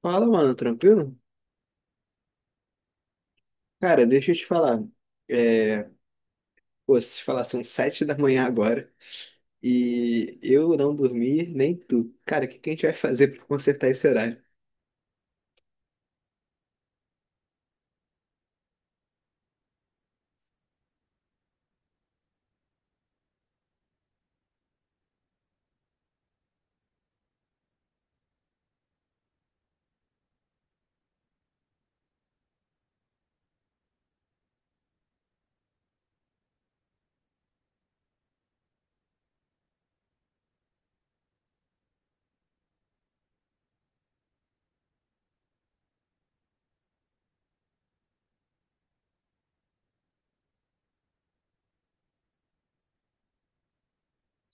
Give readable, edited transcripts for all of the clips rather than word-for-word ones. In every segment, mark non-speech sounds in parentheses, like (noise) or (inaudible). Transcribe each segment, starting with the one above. Fala, mano, tranquilo? Cara, deixa eu te falar. É, pô, se te falar, são 7 da manhã agora e eu não dormi, nem tu. Cara, o que que a gente vai fazer pra consertar esse horário?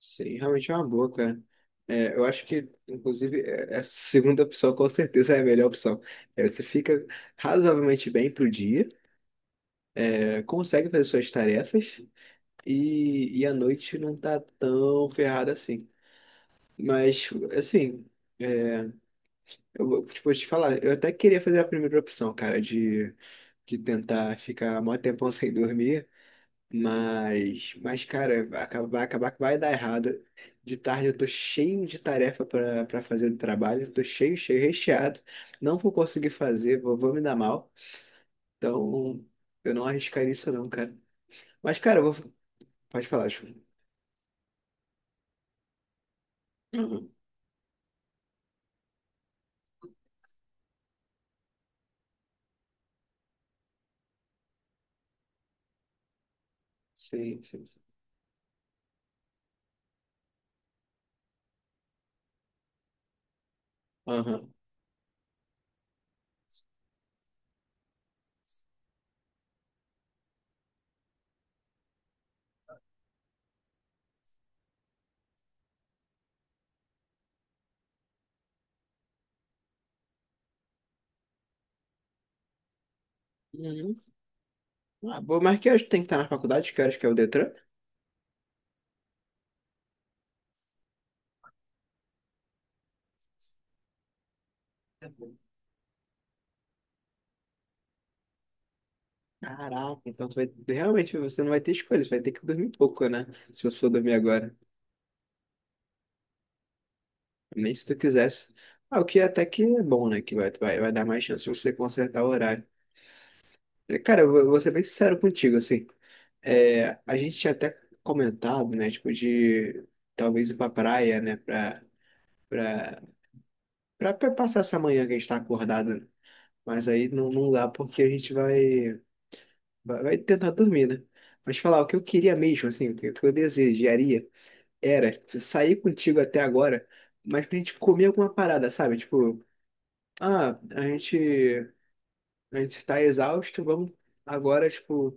Sim, realmente é uma boa, cara. É, eu acho que, inclusive, é a segunda opção com certeza é a melhor opção. É, você fica razoavelmente bem pro dia, é, consegue fazer suas tarefas e a noite não tá tão ferrada assim. Mas, assim. é, tipo, vou te falar, eu até queria fazer a primeira opção, cara, de tentar ficar mó tempão (laughs) sem dormir, mas cara, vai acabar que vai dar errado. De tarde eu tô cheio de tarefa pra fazer do trabalho, tô cheio, cheio, recheado, não vou conseguir fazer, vou me dar mal, então eu não arriscaria isso não, cara. Mas, cara, eu vou... Pode falar, acho. Uhum. Sim, sim, sim. Aham. Uhum. Ah, bom, mas que horas tu tem que estar na faculdade, que horas que é o Detran? Caraca, então tu vai, realmente você não vai ter escolha, você vai ter que dormir pouco, né? Se você for dormir agora, nem se tu quisesse. Ah, o que é até que é bom, né? Que vai dar mais chance de você consertar o horário. Cara, eu vou ser bem sincero contigo, assim. É, a gente tinha até comentado, né? Tipo, de talvez ir pra praia, né? Pra, pra passar essa manhã que a gente tá acordado, né? Mas aí não, não dá porque a gente vai tentar dormir, né? Mas falar o que eu queria mesmo, assim, o que eu desejaria. Era, tipo, sair contigo até agora, mas pra gente comer alguma parada, sabe? Tipo, ah, a gente, a gente tá exausto, vamos agora, tipo,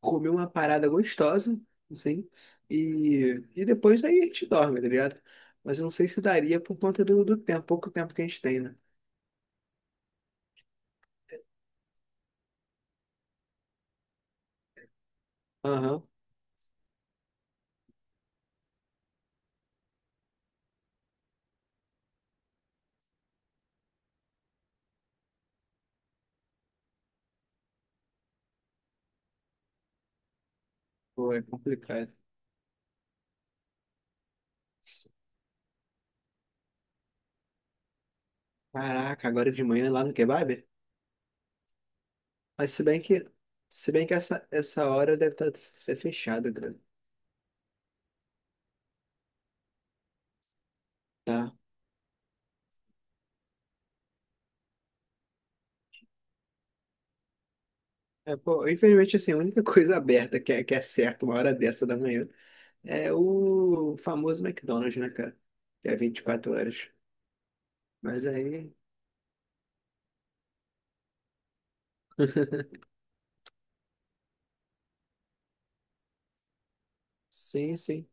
comer uma parada gostosa, assim, e depois aí a gente dorme, tá ligado? Mas eu não sei se daria por conta do tempo, pouco tempo que a gente tem, né? Aham, pô, é complicado. Caraca, agora de manhã lá no kebab? Mas se bem que essa hora deve estar fechada, cara. Tá. É, pô, infelizmente, assim, a única (laughs) coisa aberta que é certo uma hora dessa da manhã é o famoso McDonald's, né, cara? Que é 24 horas. Mas aí. (laughs) Sim, sim.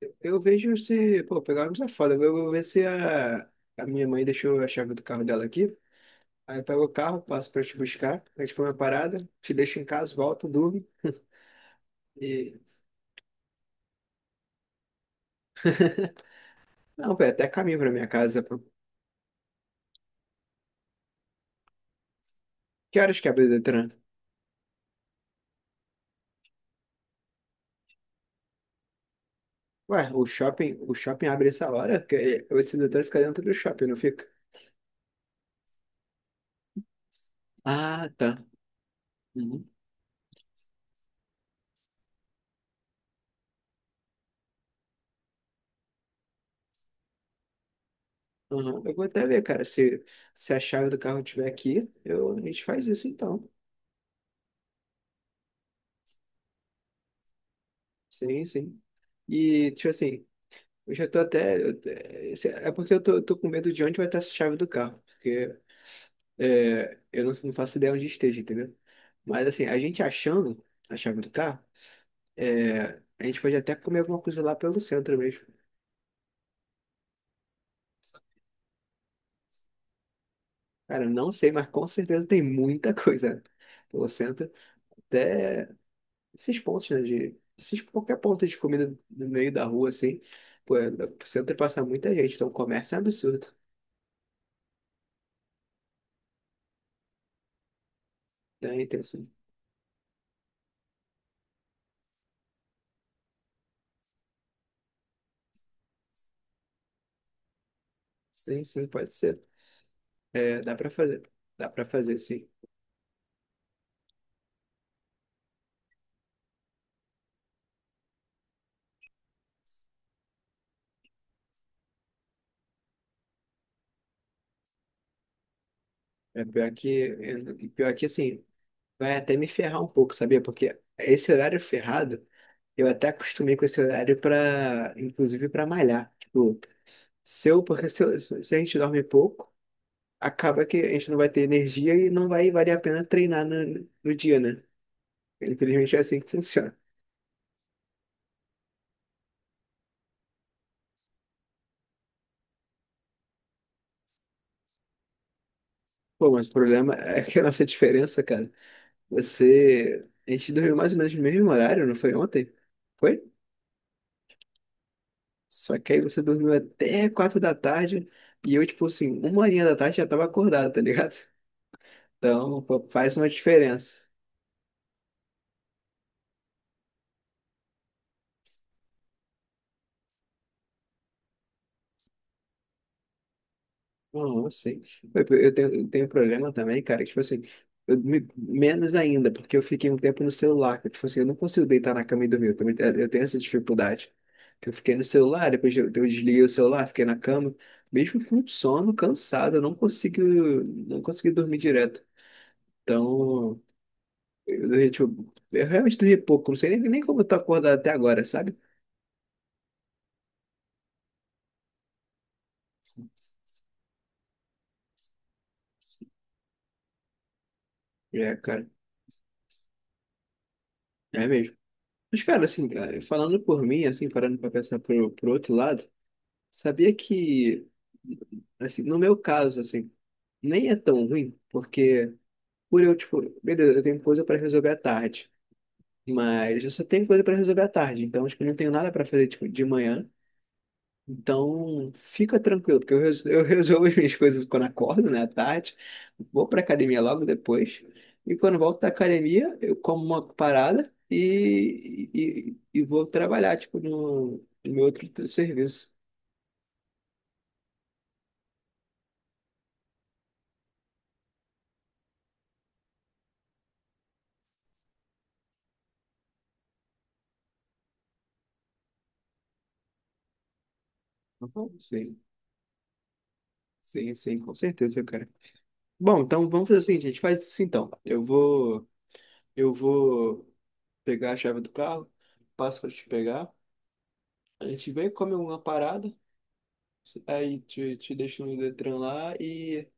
Eu vejo se. Pô, pegar ônibus é foda. Eu vou ver se a minha mãe deixou a chave do carro dela aqui. Aí eu pego o carro, passo pra te buscar. A gente come a parada, te deixo em casa, volto, durmo. E. (laughs) Não, pô, é até caminho pra minha casa, pô. Que horas que abre o Detran? Ué, o shopping abre essa hora? O sedutor fica dentro do shopping, não fica? Ah, tá. Uhum. Uhum. Eu vou até ver, cara. Se a chave do carro tiver aqui, a gente faz isso então. Sim, sim. E, tipo assim, eu já tô até. É porque eu tô com medo de onde vai estar essa chave do carro. Porque é, eu não faço ideia onde esteja, entendeu? Mas, assim, a gente achando a chave do carro, é, a gente pode até comer alguma coisa lá pelo centro mesmo. Cara, eu não sei, mas com certeza tem muita coisa. Pô, senta até esses pontos, né? Esses, qualquer ponto de comida no meio da rua, assim. Pô, senta e passa muita gente. Então, o comércio é um absurdo. Tem, tem sim. Sim, sim, pode ser. É, dá pra fazer. Dá pra fazer, sim. É pior que, assim, vai até me ferrar um pouco, sabia? Porque esse horário ferrado, eu até acostumei com esse horário para, inclusive, para malhar. Tipo, se eu, porque se, eu- se a gente dorme pouco. Acaba que a gente não vai ter energia e não vai valer a pena treinar no dia, né? Infelizmente é assim que funciona. Pô, mas o problema (laughs) é que a nossa diferença, cara, você. A gente dormiu mais ou menos no mesmo horário, não foi ontem? Foi? Só que aí você dormiu até 4 da tarde e eu, tipo assim, uma horinha da tarde já tava acordado, tá ligado? Então, pô, faz uma diferença. Não, eu sei. Eu tenho problema também, cara. Tipo assim, eu menos ainda, porque eu fiquei um tempo no celular. Tipo assim, eu não consigo deitar na cama e dormir. Eu, também, é, eu tenho essa dificuldade. Que eu fiquei no celular, depois eu desliguei o celular, fiquei na cama. Mesmo com sono, cansado, eu não consegui dormir direto. Então, eu realmente dormi pouco. Não sei nem como eu tô acordado até agora, sabe? É, cara, é mesmo. Mas, cara, assim, é, falando por mim, assim, parando pra pensar pro outro lado. Sabia que, assim, no meu caso, assim, nem é tão ruim, porque tipo, beleza, eu tenho coisa para resolver à tarde, mas eu só tenho coisa para resolver à tarde, então, tipo, eu não tenho nada para fazer, tipo, de manhã, então fica tranquilo, porque eu (laughs) resolvo as minhas coisas quando acordo, né, à tarde, vou pra academia logo depois, e quando volto da academia, eu como uma parada e vou trabalhar, tipo, no meu outro serviço. Sim. Sim, sim, com certeza, cara. Bom, então vamos fazer o seguinte, a gente faz isso então. Eu vou pegar a chave do carro, passo para te pegar, a gente vem, come uma parada, aí te deixo no Detran lá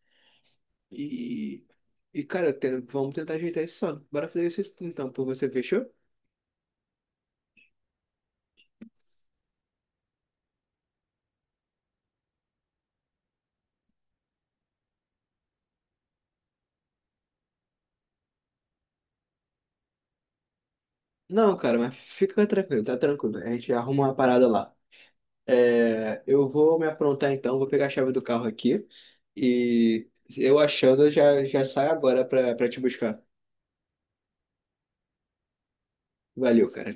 e, e cara, vamos tentar ajeitar isso só. Bora fazer isso então, por você, fechou? Não, cara, mas fica tranquilo, tá tranquilo. A gente arruma uma parada lá. É, eu vou me aprontar então, vou pegar a chave do carro aqui e eu achando, eu já saio agora para te buscar. Valeu, cara.